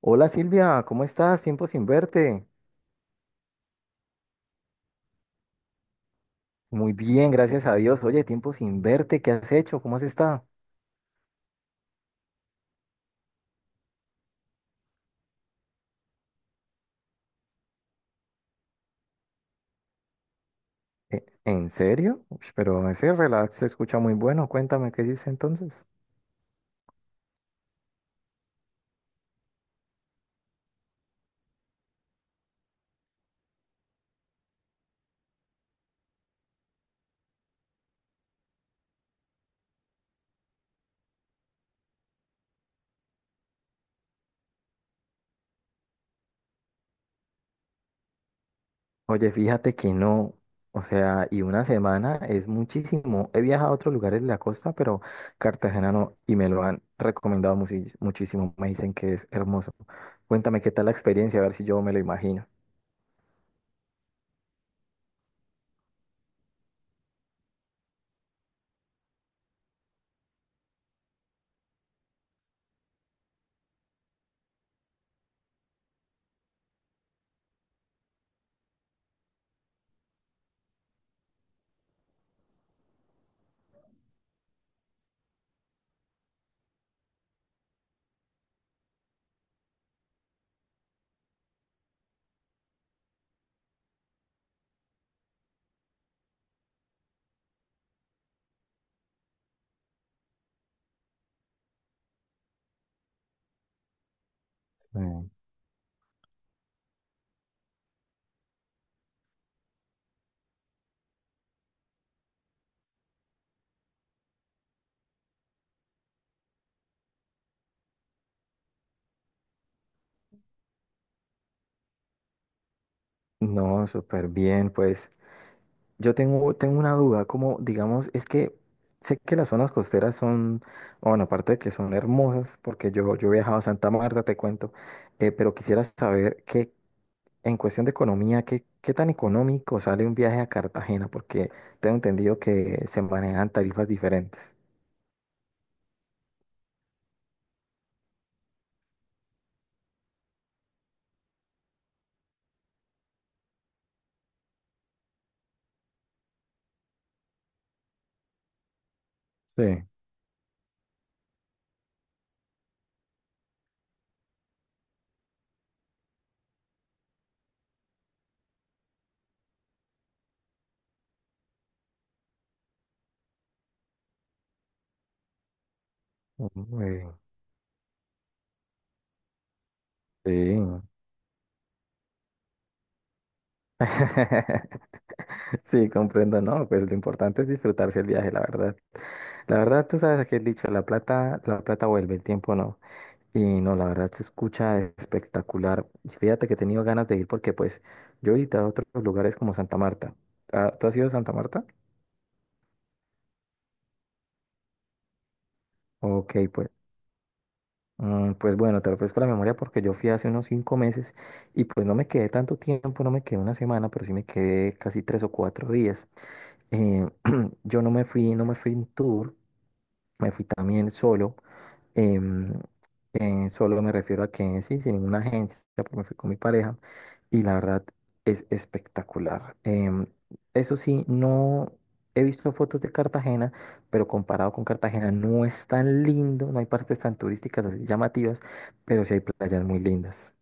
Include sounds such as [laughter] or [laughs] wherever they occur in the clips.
Hola Silvia, ¿cómo estás? Tiempo sin verte. Muy bien, gracias a Dios. Oye, tiempo sin verte, ¿qué has hecho? ¿Cómo has estado? ¿En serio? Ush, pero ese relax se escucha muy bueno. Cuéntame, ¿qué hiciste entonces? Oye, fíjate que no. O sea, y una semana es muchísimo. He viajado a otros lugares de la costa, pero Cartagena no, y me lo han recomendado muchísimo. Me dicen que es hermoso. Cuéntame qué tal la experiencia, a ver si yo me lo imagino. Mm. No, súper bien, pues. Yo tengo una duda, como digamos, es que sé que las zonas costeras son, bueno, aparte de que son hermosas, porque yo he viajado a Santa Marta, te cuento, pero quisiera saber que en cuestión de economía, ¿qué tan económico sale un viaje a Cartagena? Porque tengo entendido que se manejan tarifas diferentes. Sí. Uy, sí. [laughs] Sí, comprendo, ¿no? Pues lo importante es disfrutarse el viaje, la verdad. La verdad, tú sabes aquel dicho, la plata vuelve, el tiempo no. Y no, la verdad se escucha espectacular. Y fíjate que he tenido ganas de ir porque pues yo he visitado otros lugares como Santa Marta. Ah, ¿tú has ido a Santa Marta? Ok, pues, pues bueno, te refresco la memoria porque yo fui hace unos 5 meses y pues no me quedé tanto tiempo, no me quedé una semana, pero sí me quedé casi 3 o 4 días. Eh, [clears throat] yo no me fui en tour, me fui también solo. Em, Solo me refiero a que sí, sin ninguna agencia, porque me fui con mi pareja y la verdad es espectacular. Eso sí, no he visto fotos de Cartagena, pero comparado con Cartagena no es tan lindo, no hay partes tan turísticas así llamativas, pero sí hay playas muy lindas.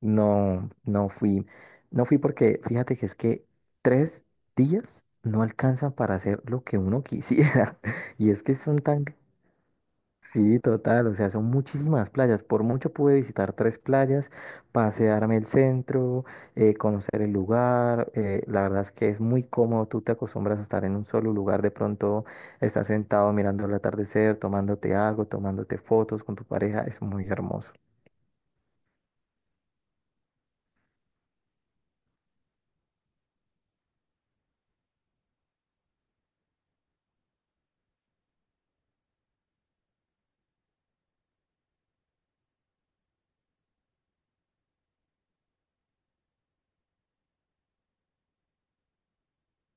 No, no fui porque fíjate que es que 3 días no alcanzan para hacer lo que uno quisiera. [laughs] Y es que son tan... Sí, total, o sea, son muchísimas playas. Por mucho pude visitar tres playas, pasearme el centro, conocer el lugar. La verdad es que es muy cómodo, tú te acostumbras a estar en un solo lugar, de pronto estar sentado mirando el atardecer, tomándote algo, tomándote fotos con tu pareja, es muy hermoso.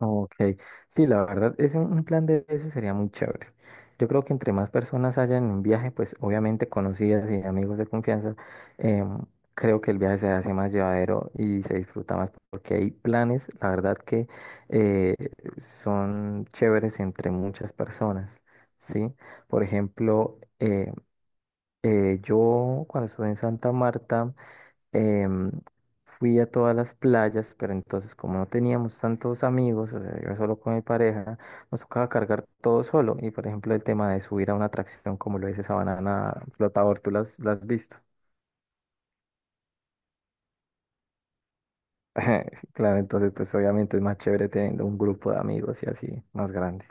Ok, sí, la verdad, es un plan de eso sería muy chévere. Yo creo que entre más personas hayan en un viaje, pues obviamente conocidas y amigos de confianza, em, creo que el viaje se hace más llevadero y se disfruta más porque hay planes, la verdad, que eh, son chéveres entre muchas personas, ¿sí? Por ejemplo, yo cuando estuve en Santa Marta, em, fui a todas las playas, pero entonces como no teníamos tantos amigos, o sea, iba solo con mi pareja, nos tocaba cargar todo solo. Y por ejemplo, el tema de subir a una atracción como lo dice esa banana flotador, tú las has visto. [laughs] Claro, entonces pues obviamente es más chévere teniendo un grupo de amigos y así, más grande.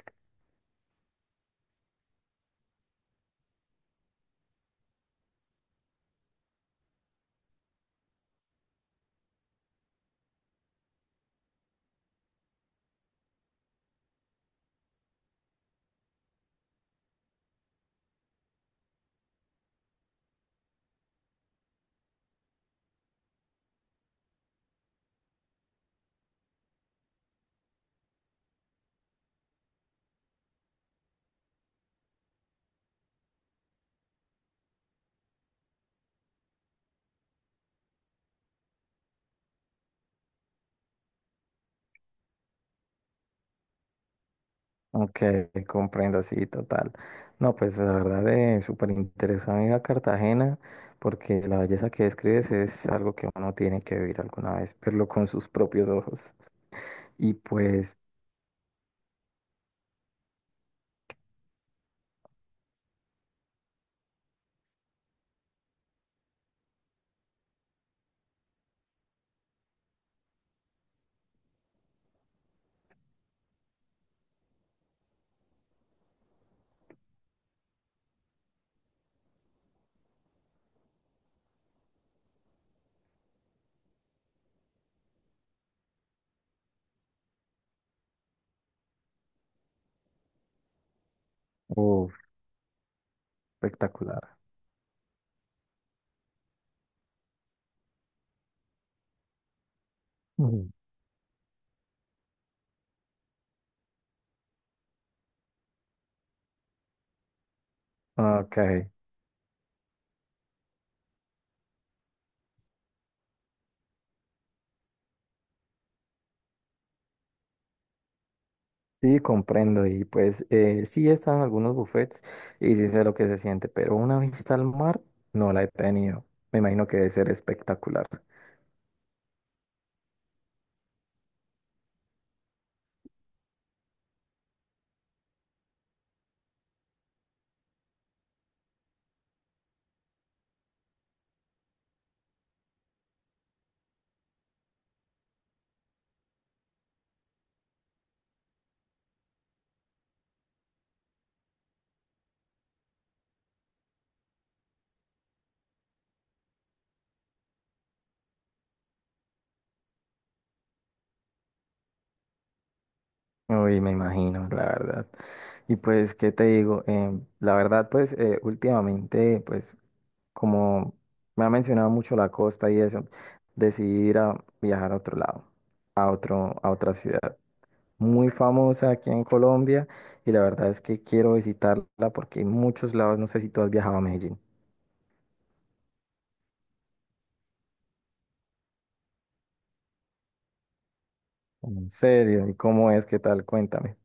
Ok, comprendo, sí, total. No, pues la verdad es súper interesante ir a Cartagena porque la belleza que describes es algo que uno tiene que vivir alguna vez, verlo con sus propios ojos. Y pues, uf, espectacular. Ujú. Ok, sí, comprendo. Y pues, sí están algunos buffets y sí sé lo que se siente, pero una vista al mar no la he tenido. Me imagino que debe ser espectacular. Uy, me imagino, la verdad. Y pues, ¿qué te digo? La verdad, pues, últimamente, pues, como me ha mencionado mucho la costa y eso, decidí ir a viajar a otro lado, a otra ciudad muy famosa aquí en Colombia y la verdad es que quiero visitarla porque hay muchos lados, no sé si tú has viajado a Medellín. En serio, ¿y cómo es? ¿Qué tal? Cuéntame.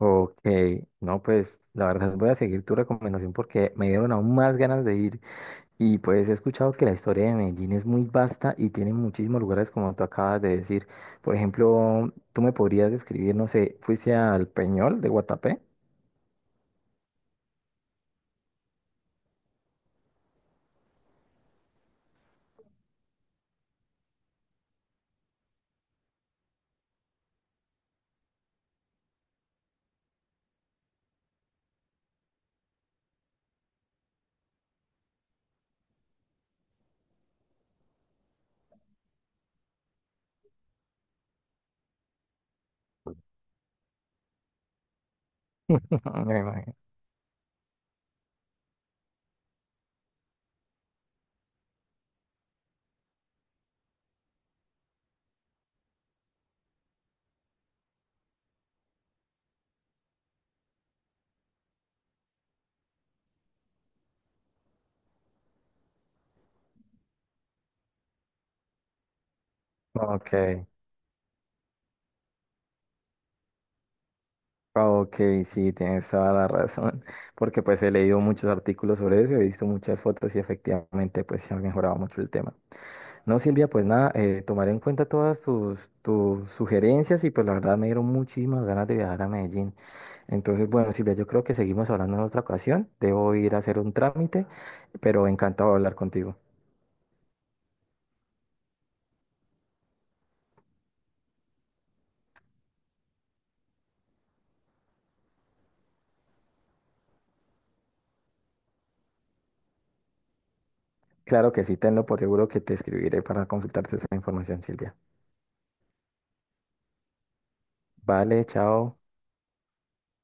Ok, no, pues la verdad voy a seguir tu recomendación porque me dieron aún más ganas de ir. Y pues he escuchado que la historia de Medellín es muy vasta y tiene muchísimos lugares como tú acabas de decir. Por ejemplo, tú me podrías describir, no sé, ¿fuiste al Peñol de Guatapé? [laughs] Me imagino. Ok, ok, sí, tienes toda la razón, porque pues he leído muchos artículos sobre eso, he visto muchas fotos y efectivamente pues se ha mejorado mucho el tema. No, Silvia, pues nada, tomaré en cuenta todas tus sugerencias y pues la verdad me dieron muchísimas ganas de viajar a Medellín. Entonces, bueno, Silvia, yo creo que seguimos hablando en otra ocasión. Debo ir a hacer un trámite, pero encantado de hablar contigo. Claro que sí, tenlo por seguro que te escribiré para consultarte esa información, Silvia. Vale, chao.